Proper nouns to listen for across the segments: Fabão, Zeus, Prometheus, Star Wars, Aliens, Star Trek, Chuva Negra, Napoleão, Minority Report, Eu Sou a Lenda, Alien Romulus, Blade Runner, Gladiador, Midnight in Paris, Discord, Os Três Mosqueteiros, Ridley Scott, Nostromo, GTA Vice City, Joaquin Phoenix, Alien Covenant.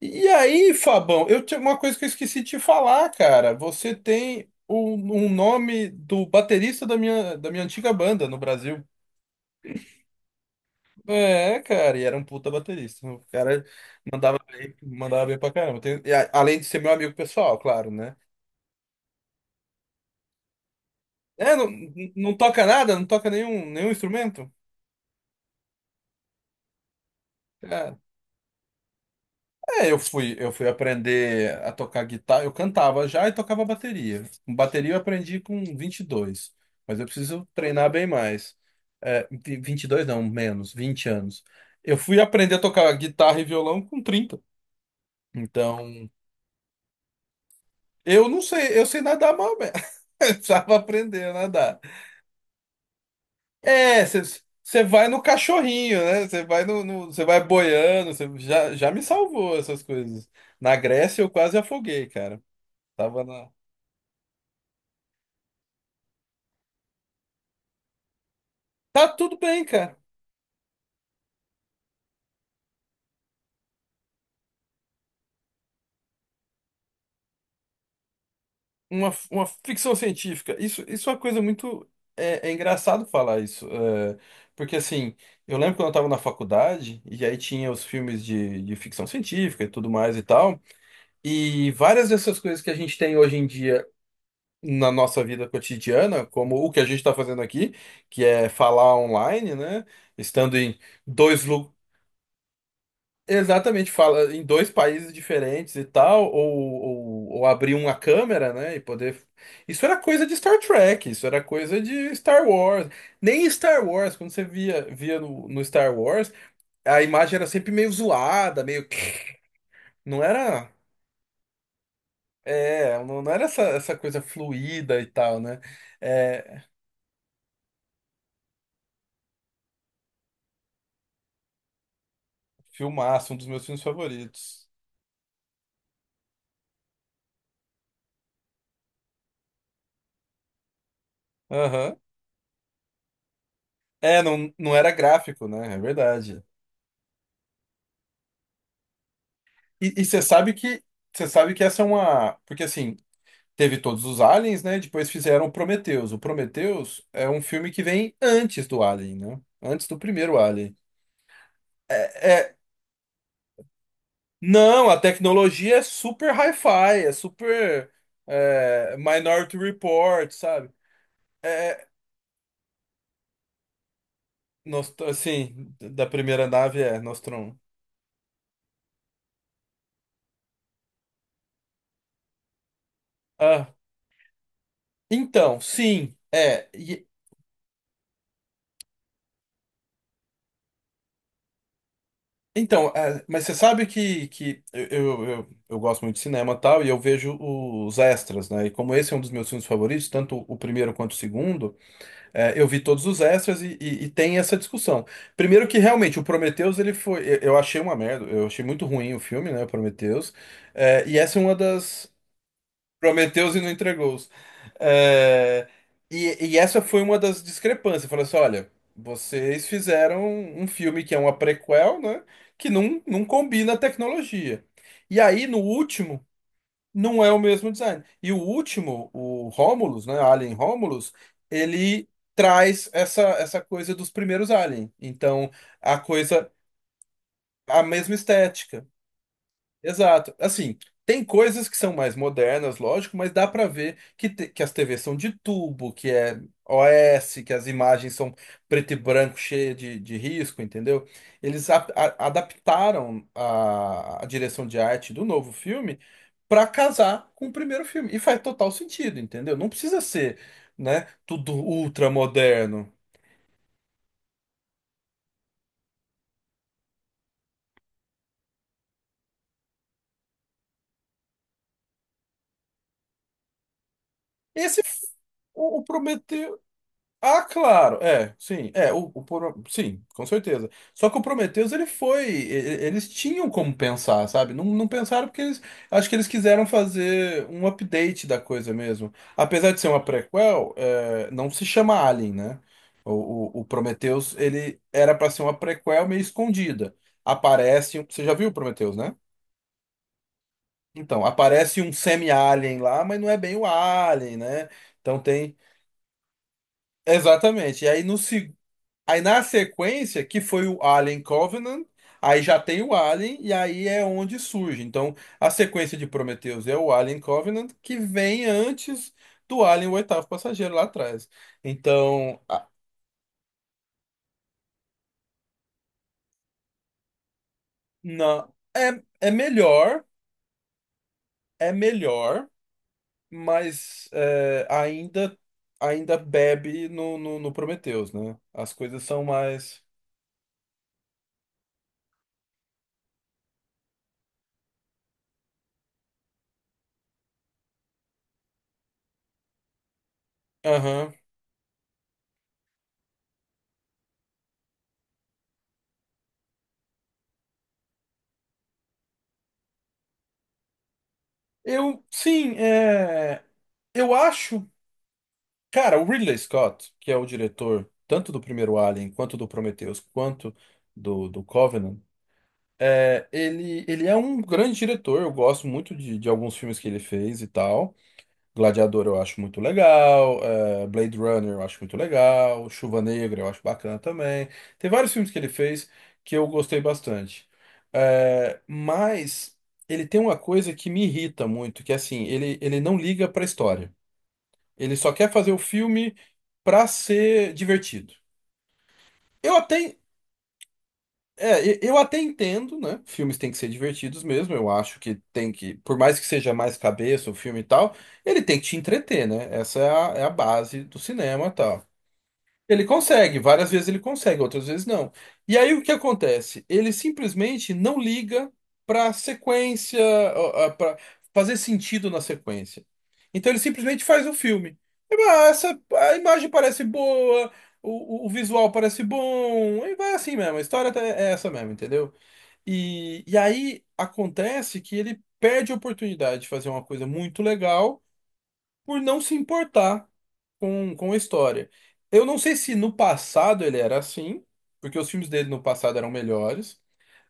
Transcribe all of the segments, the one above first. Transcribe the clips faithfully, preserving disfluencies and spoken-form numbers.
E aí, Fabão, eu tinha uma coisa que eu esqueci de te falar, cara. Você tem um, um nome do baterista da minha, da minha antiga banda no Brasil. É, cara, e era um puta baterista. O cara mandava bem, mandava bem pra caramba. Tem- e a- além de ser meu amigo pessoal, claro, né? É, não, não toca nada, não toca nenhum, nenhum instrumento? É, eu fui, eu fui aprender a tocar guitarra, eu cantava já e tocava bateria. Bateria eu aprendi com vinte e dois, mas eu preciso treinar bem mais. É, vi- vinte e dois não, menos, vinte anos. Eu fui aprender a tocar guitarra e violão com trinta. Então, eu não sei, eu sei nadar mal mesmo. Eu precisava aprender a nadar. É, você vai no cachorrinho, né? Você vai no, você vai boiando, você já, já me salvou essas coisas. Na Grécia eu quase afoguei, cara. Tava na Tá tudo bem, cara. Uma, uma ficção científica. Isso, isso é uma coisa muito. É, é engraçado falar isso. É, porque, assim, eu lembro quando eu tava na faculdade, e aí tinha os filmes de, de ficção científica e tudo mais e tal. E várias dessas coisas que a gente tem hoje em dia na nossa vida cotidiana, como o que a gente está fazendo aqui, que é falar online, né? Estando em dois, lu-. Exatamente, fala em dois países diferentes e tal, ou, ou, ou abrir uma câmera, né, e poder. Isso era coisa de Star Trek, isso era coisa de Star Wars. Nem Star Wars, quando você via, via no, no Star Wars, a imagem era sempre meio zoada, meio. Não era. É, não não era essa, essa coisa fluida e tal, né? É, filmaço, um dos meus filmes favoritos. Aham. É, não, não era gráfico, né? É verdade. E, e você sabe que. Você sabe que essa é uma. Porque assim. Teve todos os Aliens, né? Depois fizeram o Prometheus. O Prometheus é um filme que vem antes do Alien, né? Antes do primeiro Alien. É, é- Não, a tecnologia é super hi-fi, é super é, Minority Report, sabe? É, Nost- assim, da primeira nave é Nostromo. Ah, então, sim, é. Então, é, mas você sabe que, que eu, eu, eu, eu gosto muito de cinema e tal, e eu vejo os extras, né? E como esse é um dos meus filmes favoritos, tanto o primeiro quanto o segundo, é, eu vi todos os extras e, e, e tem essa discussão. Primeiro que realmente o Prometheus, ele foi. Eu, eu achei uma merda, eu achei muito ruim o filme, né? O Prometheus. É, e essa é uma das. Prometeu-os e não entregou-os. É, e, e essa foi uma das discrepâncias. Falou assim: olha, vocês fizeram um filme que é uma prequel, né? Que não, não combina a tecnologia. E aí, no último, não é o mesmo design. E o último, o Romulus, né? Alien Romulus, ele traz essa, essa coisa dos primeiros Alien. Então, a coisa, a mesma estética. Exato. Assim, tem coisas que são mais modernas, lógico, mas dá pra ver que, te- que as T Vs são de tubo, que é O S, que as imagens são preto e branco, cheia de, de risco, entendeu? Eles a- a- adaptaram a, a direção de arte do novo filme pra casar com o primeiro filme. E faz total sentido, entendeu? Não precisa ser, né, tudo ultra moderno. Esse, é o, o Prometeu. Ah, claro, é, sim, é, o, o Pro- sim, com certeza. Só que o Prometheus, ele foi, e- e- eles tinham como pensar, sabe? Não, não pensaram porque eles, acho que eles quiseram fazer um update da coisa mesmo. Apesar de ser uma prequel, é, não se chama Alien, né? O, o, o Prometheus, ele era para ser uma prequel meio escondida. Aparece, um- você já viu o Prometheus, né? Então, aparece um semi-alien lá, mas não é bem o Alien, né? Então tem, exatamente, e aí no segundo aí na sequência, que foi o Alien Covenant, aí já tem o Alien, e aí é onde surge. Então, a sequência de Prometheus é o Alien Covenant, que vem antes do Alien, o oitavo passageiro lá atrás. Então, a- não, é, é melhor, é melhor, mas é, ainda, ainda bebe no, no, no Prometheus, né? As coisas são mais. Aham. Eu, sim, é. Eu acho. Cara, o Ridley Scott, que é o diretor tanto do primeiro Alien, quanto do Prometheus, quanto do, do Covenant, é, ele, ele é um grande diretor. Eu gosto muito de, de alguns filmes que ele fez e tal. Gladiador eu acho muito legal, é, Blade Runner eu acho muito legal, Chuva Negra eu acho bacana também. Tem vários filmes que ele fez que eu gostei bastante. É, mas ele tem uma coisa que me irrita muito, que é assim, ele, ele não liga pra história. Ele só quer fazer o filme pra ser divertido. Eu até, é, e- eu até entendo, né? Filmes têm que ser divertidos mesmo. Eu acho que tem que, por mais que seja mais cabeça o filme e tal, ele tem que te entreter, né? Essa é a, é a base do cinema e tal. Ele consegue, várias vezes ele consegue, outras vezes não. E aí o que acontece? Ele simplesmente não liga para sequência, para fazer sentido na sequência. Então ele simplesmente faz o filme. E, ah, essa, a imagem parece boa, o, o- o visual parece bom, e vai assim mesmo, a história tá- é essa mesmo, entendeu? E, e aí acontece que ele perde a oportunidade de fazer uma coisa muito legal por não se importar com, com a história. Eu não sei se no passado ele era assim, porque os filmes dele no passado eram melhores,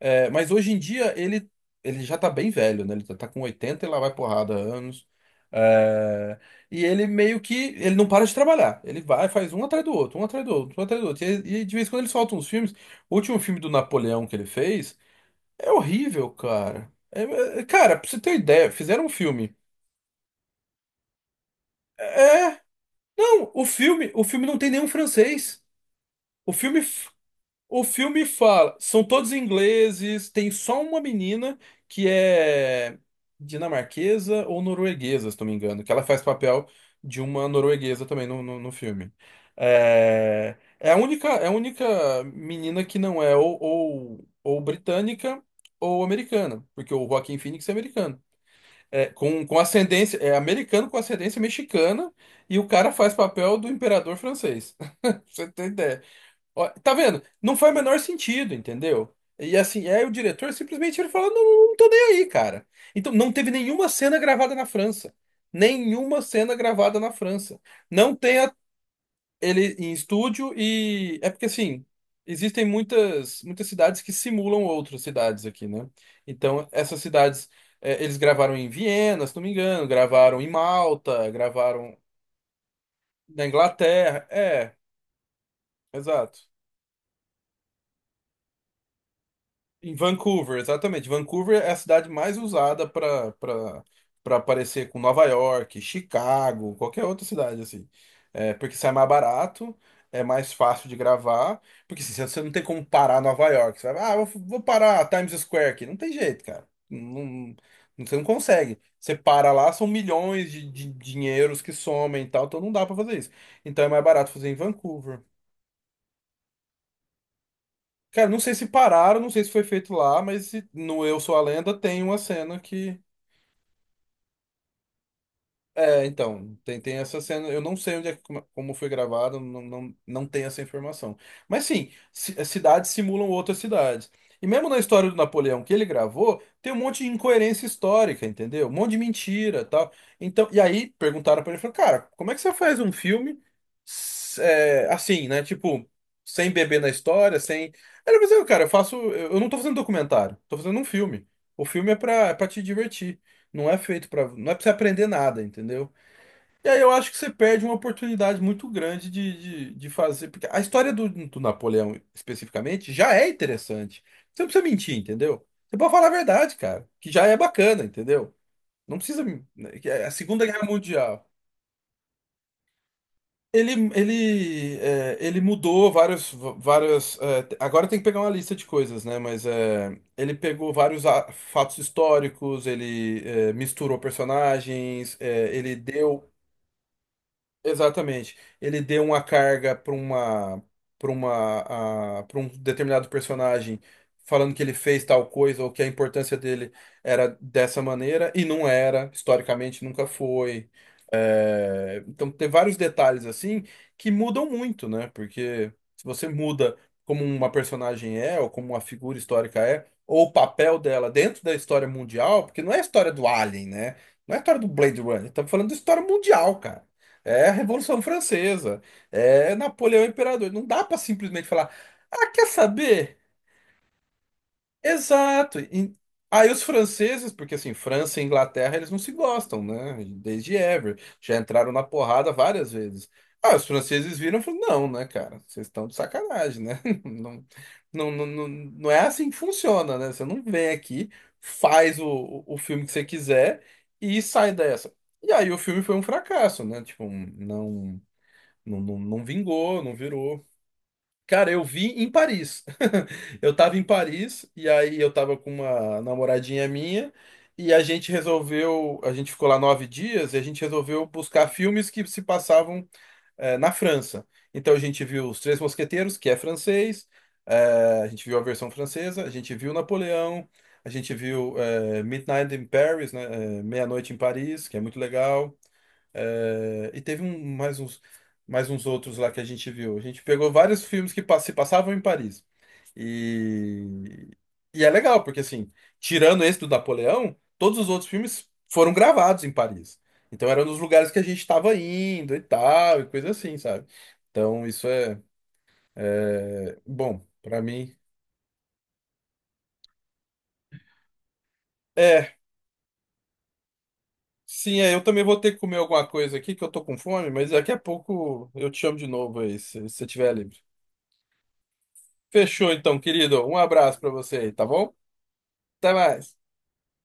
é, mas hoje em dia ele, ele já tá bem velho, né? Ele tá tá com oitenta e lá vai porrada anos. É, e ele meio que ele não para de trabalhar. Ele vai, faz um atrás do outro, um atrás do outro, um atrás do outro. E, e de vez em quando ele solta uns filmes. O último filme do Napoleão que ele fez é horrível, cara. É, é, cara, pra você ter ideia, fizeram um filme. É, não, o filme, o filme não tem nenhum francês. O filme, f- o filme fala, são todos ingleses, tem só uma menina que é dinamarquesa ou norueguesa, se não me engano, que ela faz papel de uma norueguesa também no, no, no filme. É, é a única, é a única menina que não é ou, ou, ou britânica ou americana, porque o Joaquin Phoenix é americano. É, com, com ascendência, é americano com ascendência mexicana e o cara faz papel do imperador francês. Pra você tem ideia. Ó, tá vendo? Não faz o menor sentido, entendeu? E assim, aí o diretor simplesmente ele fala: não, não tô nem aí, cara. Então não teve nenhuma cena gravada na França. Nenhuma cena gravada na França. Não tem ele em estúdio e é porque assim, existem muitas muitas cidades que simulam outras cidades aqui, né? Então, essas cidades é, eles gravaram em Viena, se não me engano, gravaram em Malta, gravaram na Inglaterra. É, exato. Em Vancouver, exatamente. Vancouver é a cidade mais usada para para para aparecer com Nova York, Chicago, qualquer outra cidade assim. É, porque sai mais barato, é mais fácil de gravar, porque assim, você não tem como parar Nova York. Você vai, ah, eu vou vou parar Times Square aqui. Não tem jeito, cara. Não, não- você não consegue. Você para lá, são milhões de, de dinheiros que somem e tal, então não dá para fazer isso. Então é mais barato fazer em Vancouver. Cara, não sei se pararam, não sei se foi feito lá, mas se- no Eu Sou a Lenda tem uma cena que é, então, tem, tem essa cena. Eu não sei onde é, que- como como foi gravado, não, não, não tenho essa informação. Mas sim, ci- eh, cidades simulam outras cidades. E mesmo na história do Napoleão que ele gravou, tem um monte de incoerência histórica, entendeu? Um monte de mentira, tal. Então, e aí perguntaram pra ele, falou, cara, como é que você faz um filme s- é, assim, né? Tipo, sem beber na história, sem. Ele falou assim, cara, eu faço, eu eu não tô fazendo documentário, tô fazendo um filme. O filme é pra, é pra te divertir. Não é feito para, não é para você aprender nada, entendeu? E aí eu acho que você perde uma oportunidade muito grande de, de, de fazer, porque a história do, do Napoleão especificamente já é interessante. Você não precisa mentir, entendeu? Você pode falar a verdade, cara, que já é bacana, entendeu? Não precisa, né, que é a Segunda Guerra Mundial. Ele, ele, é, ele mudou vários, várias. É, t- agora tem que pegar uma lista de coisas, né? Mas é, ele pegou vários a- fatos históricos, ele é, misturou personagens, é, ele deu. Exatamente. Ele deu uma carga para uma, para uma, para um determinado personagem, falando que ele fez tal coisa ou que a importância dele era dessa maneira, e não era, historicamente nunca foi. É, então tem vários detalhes assim que mudam muito, né? Porque se você muda como uma personagem é, ou como uma figura histórica é, ou o papel dela dentro da história mundial, porque não é a história do Alien, né? Não é a história do Blade Runner, estamos falando da história mundial, cara. É a Revolução Francesa, é Napoleão Imperador. Não dá para simplesmente falar, ah, quer saber? Exato. E- aí os franceses, porque assim, França e Inglaterra, eles não se gostam, né? Desde ever. Já entraram na porrada várias vezes. Ah, os franceses viram e falaram, não, né, cara? Vocês estão de sacanagem, né? Não, não, não, não, não é assim que funciona, né? Você não vem aqui, faz o, o o filme que você quiser e sai dessa. E aí o filme foi um fracasso, né? Tipo, um- não, não, não, não vingou, não virou. Cara, eu vi em Paris. Eu tava em Paris e aí eu tava com uma namoradinha minha e a gente resolveu, a gente ficou lá nove dias e a gente resolveu buscar filmes que se passavam eh, na França. Então a gente viu Os Três Mosqueteiros, que é francês, eh, a gente viu a versão francesa, a gente viu Napoleão, a gente viu eh, Midnight in Paris, né, eh, Meia-Noite em Paris, que é muito legal. É, e teve um- mais uns, mais uns outros lá que a gente viu. A gente pegou vários filmes que pa- se passavam em Paris. E, e é legal, porque assim, tirando esse do Napoleão, todos os outros filmes foram gravados em Paris. Então era nos lugares que a gente estava indo e tal, e coisa assim, sabe? Então isso é, é bom pra mim. É, sim, é, eu também vou ter que comer alguma coisa aqui, que eu tô com fome, mas daqui a pouco eu te chamo de novo aí, se se você estiver livre. Fechou então, querido. Um abraço pra você aí, tá bom? Até mais.